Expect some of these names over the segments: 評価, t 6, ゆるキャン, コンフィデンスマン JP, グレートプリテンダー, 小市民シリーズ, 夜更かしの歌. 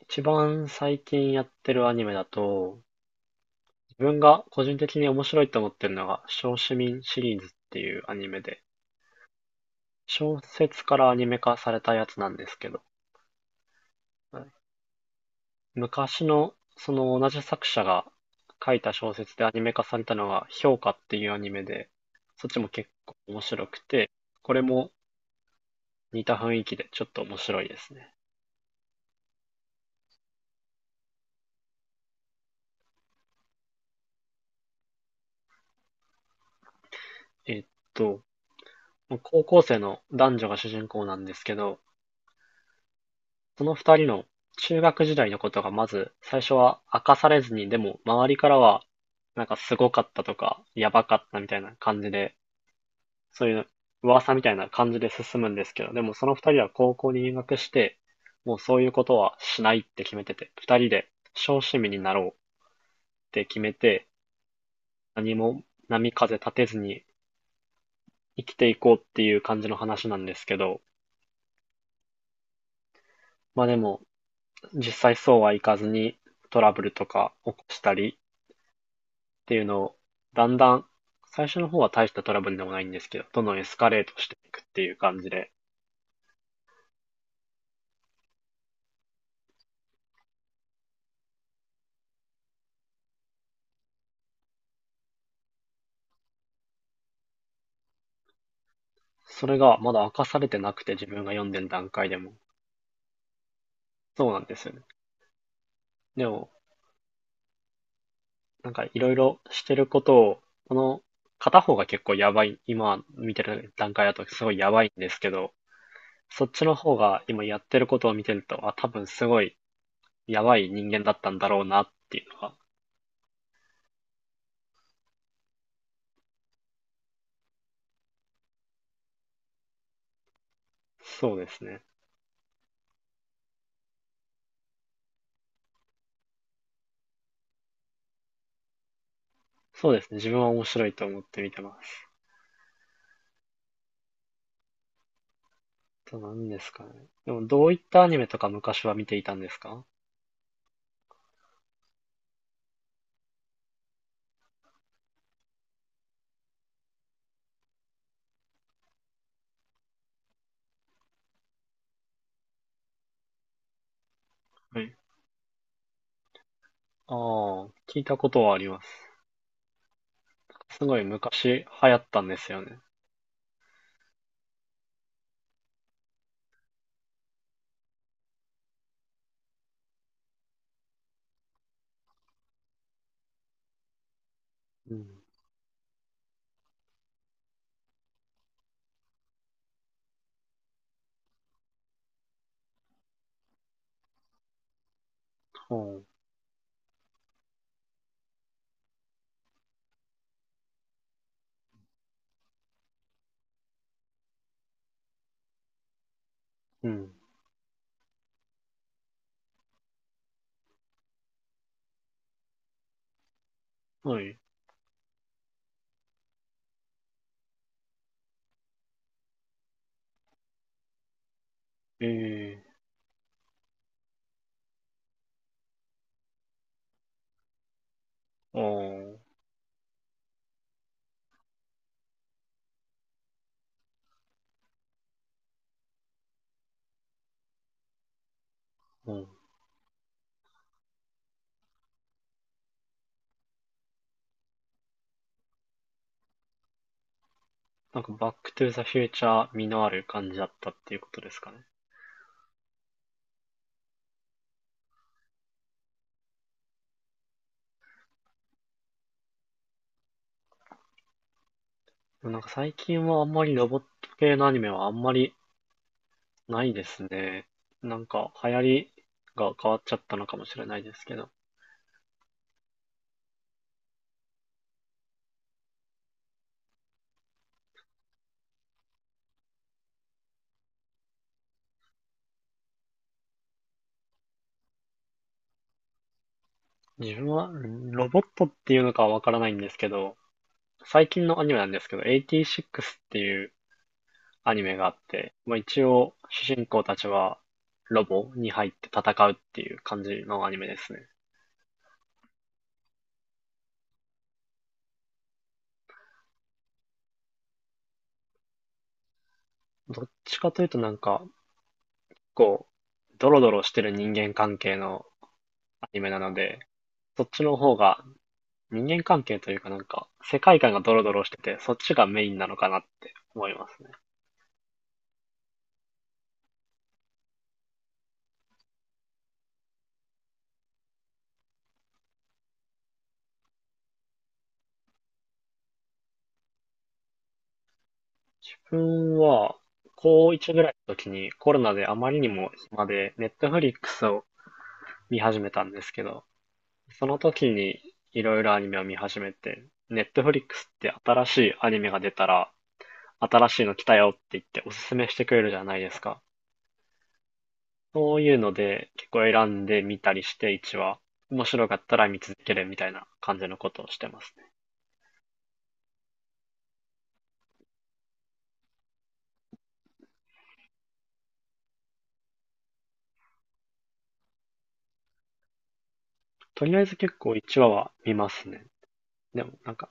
一番最近やってるアニメだと、自分が個人的に面白いと思ってるのが、小市民シリーズっていうアニメで、小説からアニメ化されたやつなんですけど、はい、昔のその同じ作者が書いた小説でアニメ化されたのが、評価っていうアニメで、そっちも結構面白くて、これも似た雰囲気でちょっと面白いですね。えっと、高校生の男女が主人公なんですけど、その二人の、中学時代のことがまず、最初は明かされずに、でも、周りからは、なんかすごかったとか、やばかったみたいな感じで、そういう噂みたいな感じで進むんですけど、でもその二人は高校に入学して、もうそういうことはしないって決めてて、二人で小市民になろうって決めて、何も波風立てずに生きていこうっていう感じの話なんですけど、まあでも、実際そうはいかずにトラブルとか起こしたり、っていうのを、だんだん、最初の方は大したトラブルでもないんですけど、どんどんエスカレートしていくっていう感じで。それがまだ明かされてなくて自分が読んでる段階でも。そうなんですよね。でも、なんかいろいろしてることを、この片方が結構やばい、今見てる段階だとすごいやばいんですけど、そっちの方が今やってることを見てると、あ、多分すごいやばい人間だったんだろうなっていうのが。そうですね。そうですね。自分は面白いと思って見てます。と何ですかね。でもどういったアニメとか昔は見ていたんですか？はい。ああ、聞いたことはあります。すごい昔流行ったんですよね。うん。はう。うん。はい。ええー。ああ。うん。なんかバックトゥザフューチャー味のある感じだったっていうことですかね。でもなんか最近はあんまりロボット系のアニメはあんまりないですね。なんか流行りが変わっちゃったのかもしれないですけど。自分はロボットっていうのかはわからないんですけど、最近のアニメなんですけど、t 6っていうアニメがあって、まあ、一応主人公たちはロボに入って戦うっていう感じのアニメですね。どっちかというとなんか、こう、ドロドロしてる人間関係のアニメなので、そっちの方が人間関係というかなんか、世界観がドロドロしてて、そっちがメインなのかなって思いますね。自分は、高1ぐらいの時にコロナであまりにも暇で、ネットフリックスを見始めたんですけど、その時にいろいろアニメを見始めて、ネットフリックスって新しいアニメが出たら、新しいの来たよって言っておすすめしてくれるじゃないですか。そういうので結構選んで見たりして1話、いちわ面白かったら見続けるみたいな感じのことをしてますね。とりあえず結構1話は見ますね。でもなんか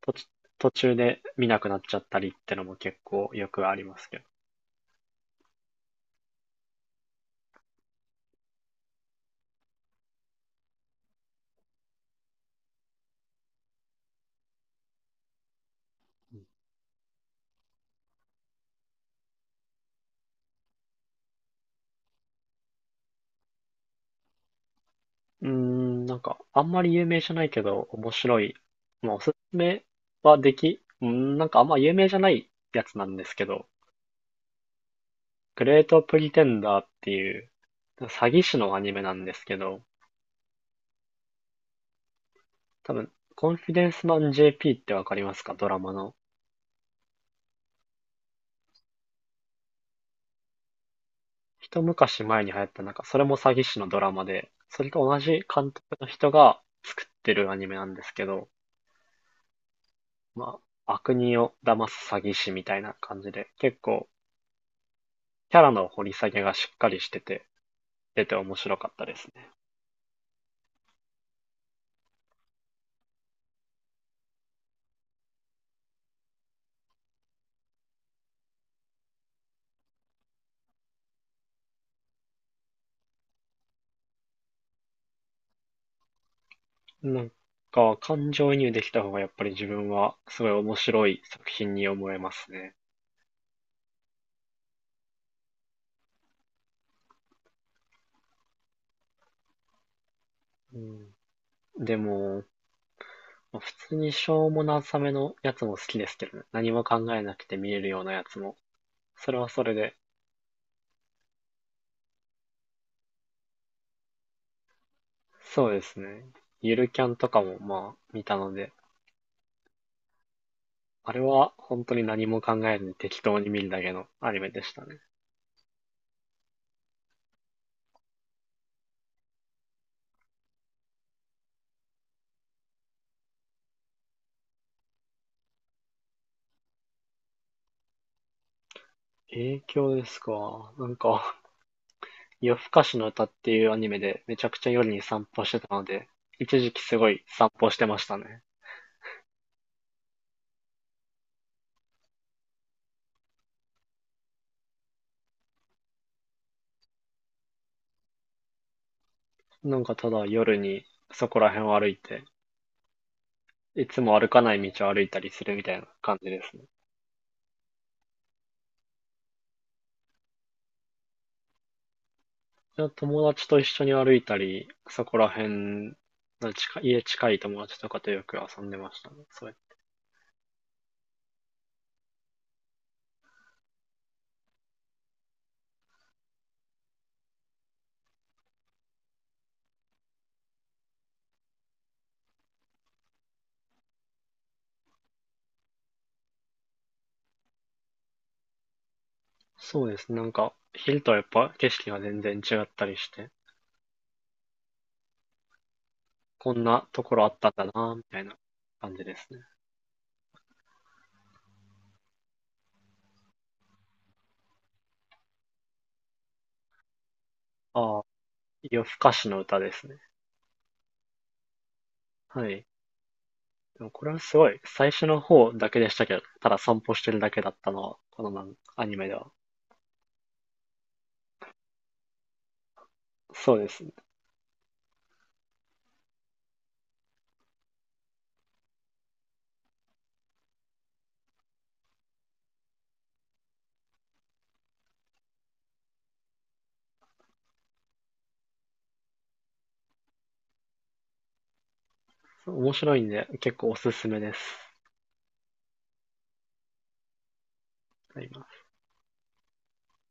途中途中で見なくなっちゃったりってのも結構よくありますけど。うーん、なんか、あんまり有名じゃないけど、面白い。まあ、おすすめはでき、うーん、なんかあんま有名じゃないやつなんですけど、グレートプリテンダーっていう、詐欺師のアニメなんですけど、多分、コンフィデンスマン JP ってわかりますか？ドラマの。一昔前に流行った、なんか、それも詐欺師のドラマで、それと同じ監督の人が作ってるアニメなんですけど、まあ、悪人を騙す詐欺師みたいな感じで、結構、キャラの掘り下げがしっかりしてて、出て面白かったですね。なんか、感情移入できた方がやっぱり自分はすごい面白い作品に思えますね。うん、でも、普通にしょうもなさめのやつも好きですけどね。何も考えなくて見れるようなやつも。それはそれで。そうですね。ゆるキャンとかもまあ見たので、あれは本当に何も考えずに適当に見るだけのアニメでしたね。影響ですか。なんか、夜更かしの歌っていうアニメでめちゃくちゃ夜に散歩してたので、一時期すごい散歩してましたね。なんかただ夜にそこら辺を歩いて、いつも歩かない道を歩いたりするみたいな感じですね。友達と一緒に歩いたり、そこら辺の近い、家近い友達とかとよく遊んでましたね。そうそうです。なんか、昼とはやっぱ景色が全然違ったりして、こんなところあったんだな、みたいな感じですね。ああ、夜更かしの歌ですね。はい。でもこれはすごい、最初の方だけでしたけど、ただ散歩してるだけだったのは、このアニメでは。そうですね。面白いんで、結構おすすめです。今。